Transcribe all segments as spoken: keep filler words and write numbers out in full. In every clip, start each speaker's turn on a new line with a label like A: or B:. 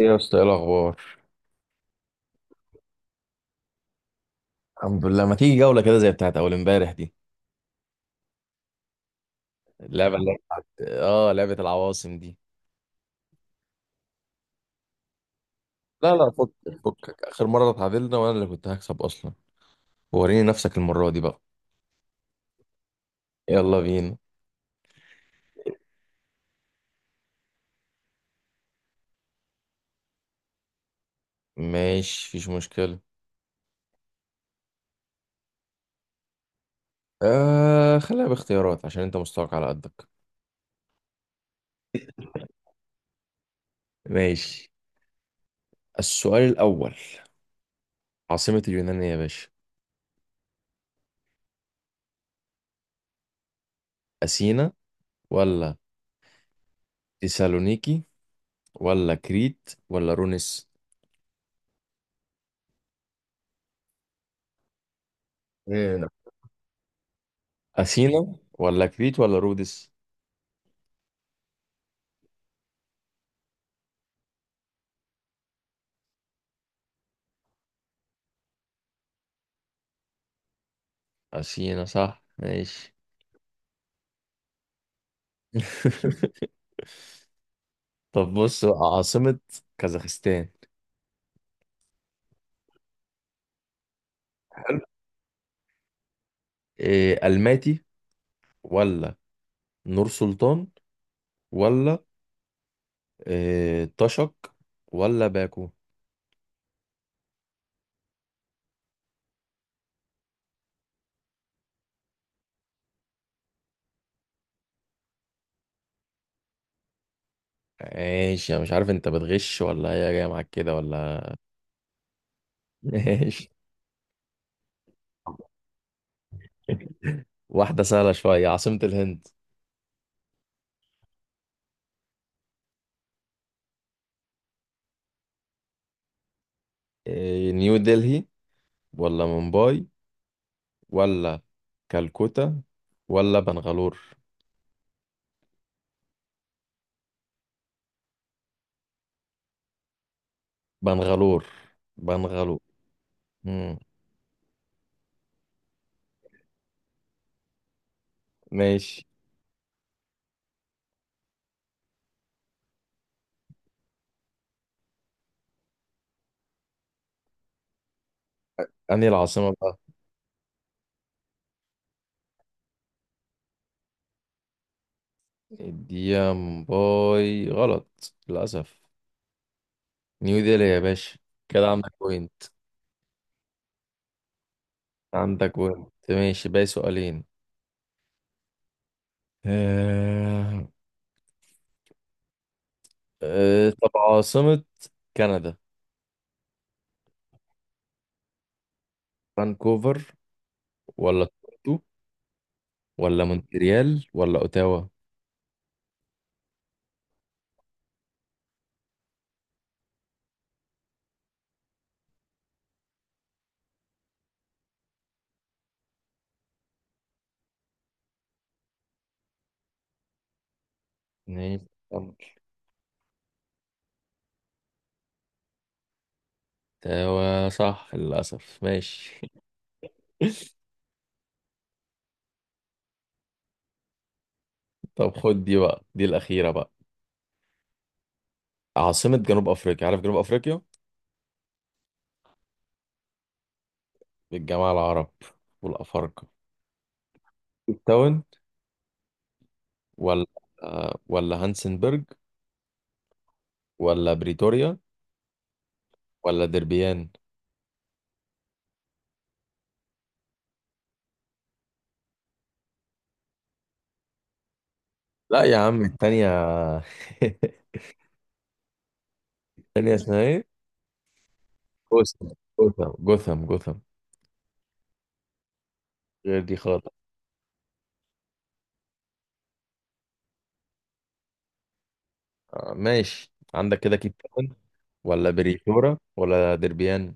A: ايه يا اسطى، ايه الاخبار؟ الحمد لله. ما تيجي جوله كده زي بتاعت اول امبارح دي؟ اللعبه اللي هي بتاعت اه لعبه العواصم دي. لا لا، فكك. فكك، اخر مره اتعادلنا وانا اللي كنت هكسب اصلا. وريني نفسك المره دي بقى. يلا بينا. ماشي، مفيش مشكله. آه، خليها باختيارات عشان انت مستواك على قدك. ماشي. السؤال الاول. عاصمه اليونان إيه يا باشا؟ اثينا، ولا تسالونيكي، ولا كريت، ولا رونس؟ ايه؟ اثينا ولا كريت ولا رودس؟ أثينا صح، ماشي. طب بص بقى، عاصمة كازاخستان. حلو. إيه، ألماتي، ولا نور سلطان، ولا إيه طشق، ولا باكو؟ ماشي، أنا مش عارف أنت بتغش ولا هي جاية معاك كده ولا. ماشي. واحدة سهلة شوية، عاصمة الهند. إيه، نيو دلهي، ولا مومباي، ولا كالكوتا، ولا بنغالور؟ بنغالور، بنغالور. مم. ماشي، أنهي العاصمة بقى؟ الديم باي غلط للأسف. نيو ديلي يا باشا. كده عندك بوينت. عندك بوينت، ماشي، باقي سؤالين. آه... آه... طب عاصمة كندا. فانكوفر، ولا تورنتو، ولا مونتريال، ولا أوتاوا؟ ماشي، كمل. أوتاوا صح للأسف، ماشي. طب خد دي بقى، دي الأخيرة بقى. عاصمة جنوب أفريقيا، عارف جنوب أفريقيا؟ الجماعة العرب والأفارقة. كيب تاون، ولا ولا هانسنبرج، ولا بريتوريا، ولا دربيان؟ لا يا عم، التانية. التانية اسمها ايه؟ جوثام. جوثام، جوثام، جوثام. غير دي خالص. آه، ماشي، عندك كده كيب تاون ولا بريتورا ولا دربيان؟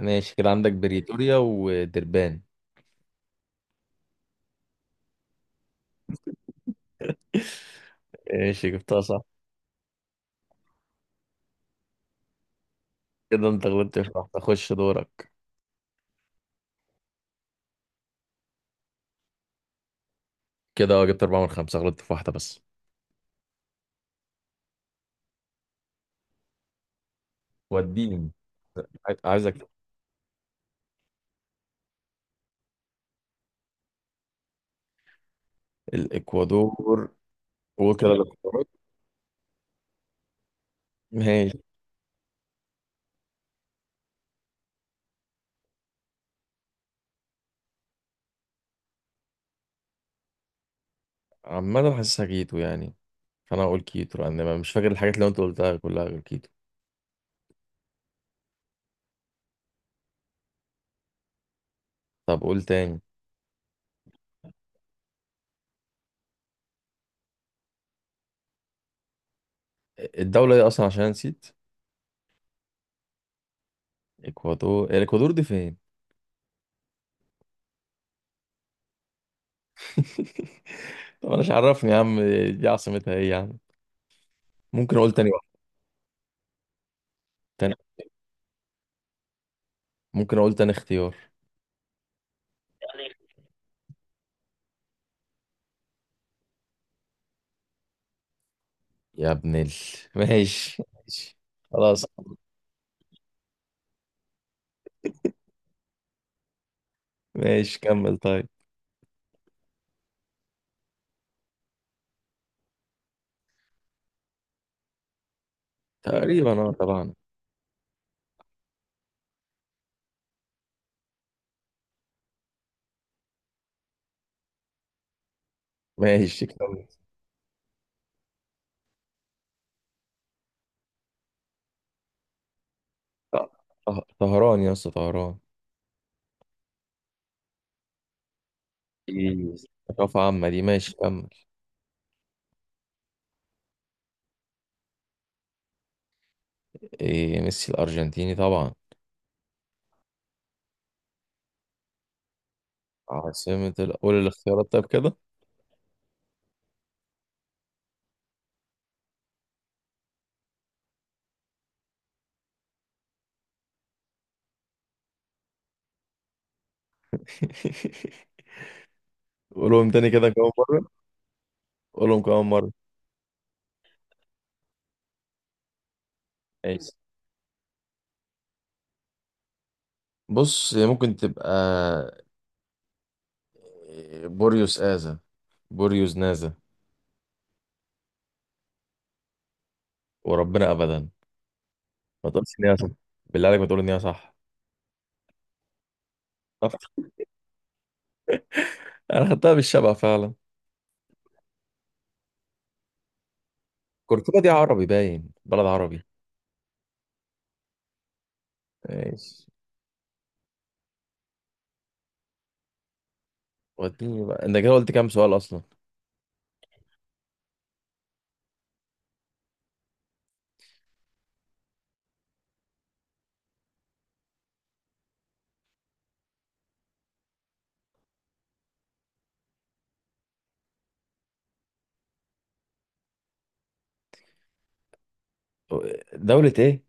A: ماشي، كده عندك بريتوريا ودربان. ماشي، جبتها صح. كده انت غلطت في واحدة، خش دورك. كده اه، جبت أربعة من خمسة، غلطت في واحدة بس. وديني، عايزك. الإكوادور. قول كده الاختيارات. ماشي. عمال حاسسها كيتو يعني. فانا هقول كيتو لان ما- مش فاكر الحاجات اللي انت قلتها كلها غير كيتو. طب قول تاني. الدولة دي اصلا عشان نسيت. اكوادور، الاكوادور دي فين؟ طب انا مش، عرفني يا عم. دي عاصمتها ايه يا عم؟ ممكن اقول تاني واحد؟ تاني. ممكن اقول تاني اختيار؟ يا ابن ال ماشي ماشي. خلاص. ماشي كمل طيب. تقريبا، اه، طبعا. ماشي كمل. ط- طه- طهران يا اسطى، طهران. إيه، ثقافة عامة دي، ماشي كمل. إيه، ميسي الأرجنتيني طبعا. عاصمة ال... قول الاختيارات طيب كده. قولهم تاني كده كمان مرة. قولهم كمان مرة. ماشي. بص، هي ممكن تبقى آه، بوريوس آزا، بوريوس نازا. وربنا أبدا. ما تقولش إن هي صح. بالله عليك، ما تقول إن هي صح. طب، أنا خدتها بالشبع فعلا. كوركبا دي عربي، باين بلد عربي. ماشي. وديني بقى، أنت كده قلت كام سؤال أصلا؟ دولة إيه؟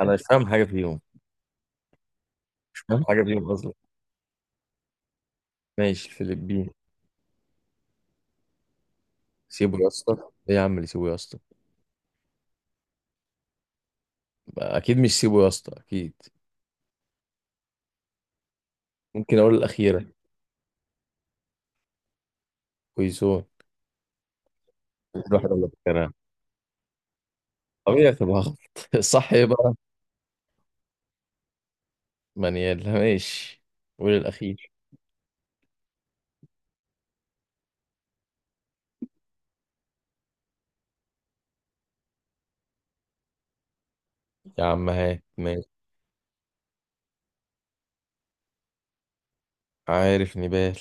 A: أنا مش فاهم حاجة فيهم. مش فاهم حاجة فيهم أصلا. ماشي، الفلبين. سيبوا يا اسطى. إيه يا عم اللي سيبوا يا اسطى؟ اكيد مش سيبو يا اسطى، اكيد. ممكن اقول الاخيره؟ كويسون. الواحد ولا فاكرها. طبيعي تبقى غلط. صح بقى. منيال، ماشي. قول الاخير. يا عم هات، ماشي. عارف نبال.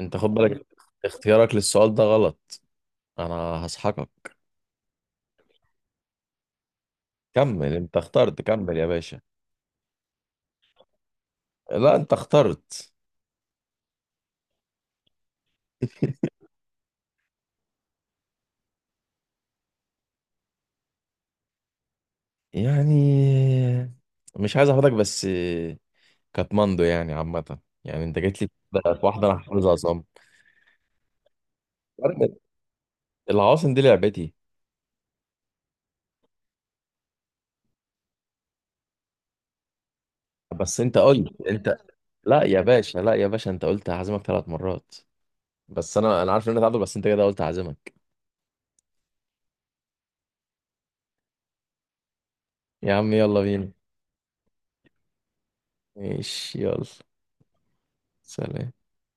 A: انت خد بالك. اختيارك للسؤال ده غلط. انا هسحقك. كمل، انت اخترت، كمل يا باشا. لا، انت اخترت. يعني مش عايز احفظك بس. كاتماندو يعني عامة. يعني انت جيت لي في واحدة انا حافظها صم. العواصم دي لعبتي. بس انت قلت انت. لا يا باشا، لا يا باشا، انت قلت هعزمك ثلاث مرات. بس انا انا عارف ان انت تعادل، بس انت كده قلت هعزمك. يا عم يلا بينا. ماشي، يلا. سلام.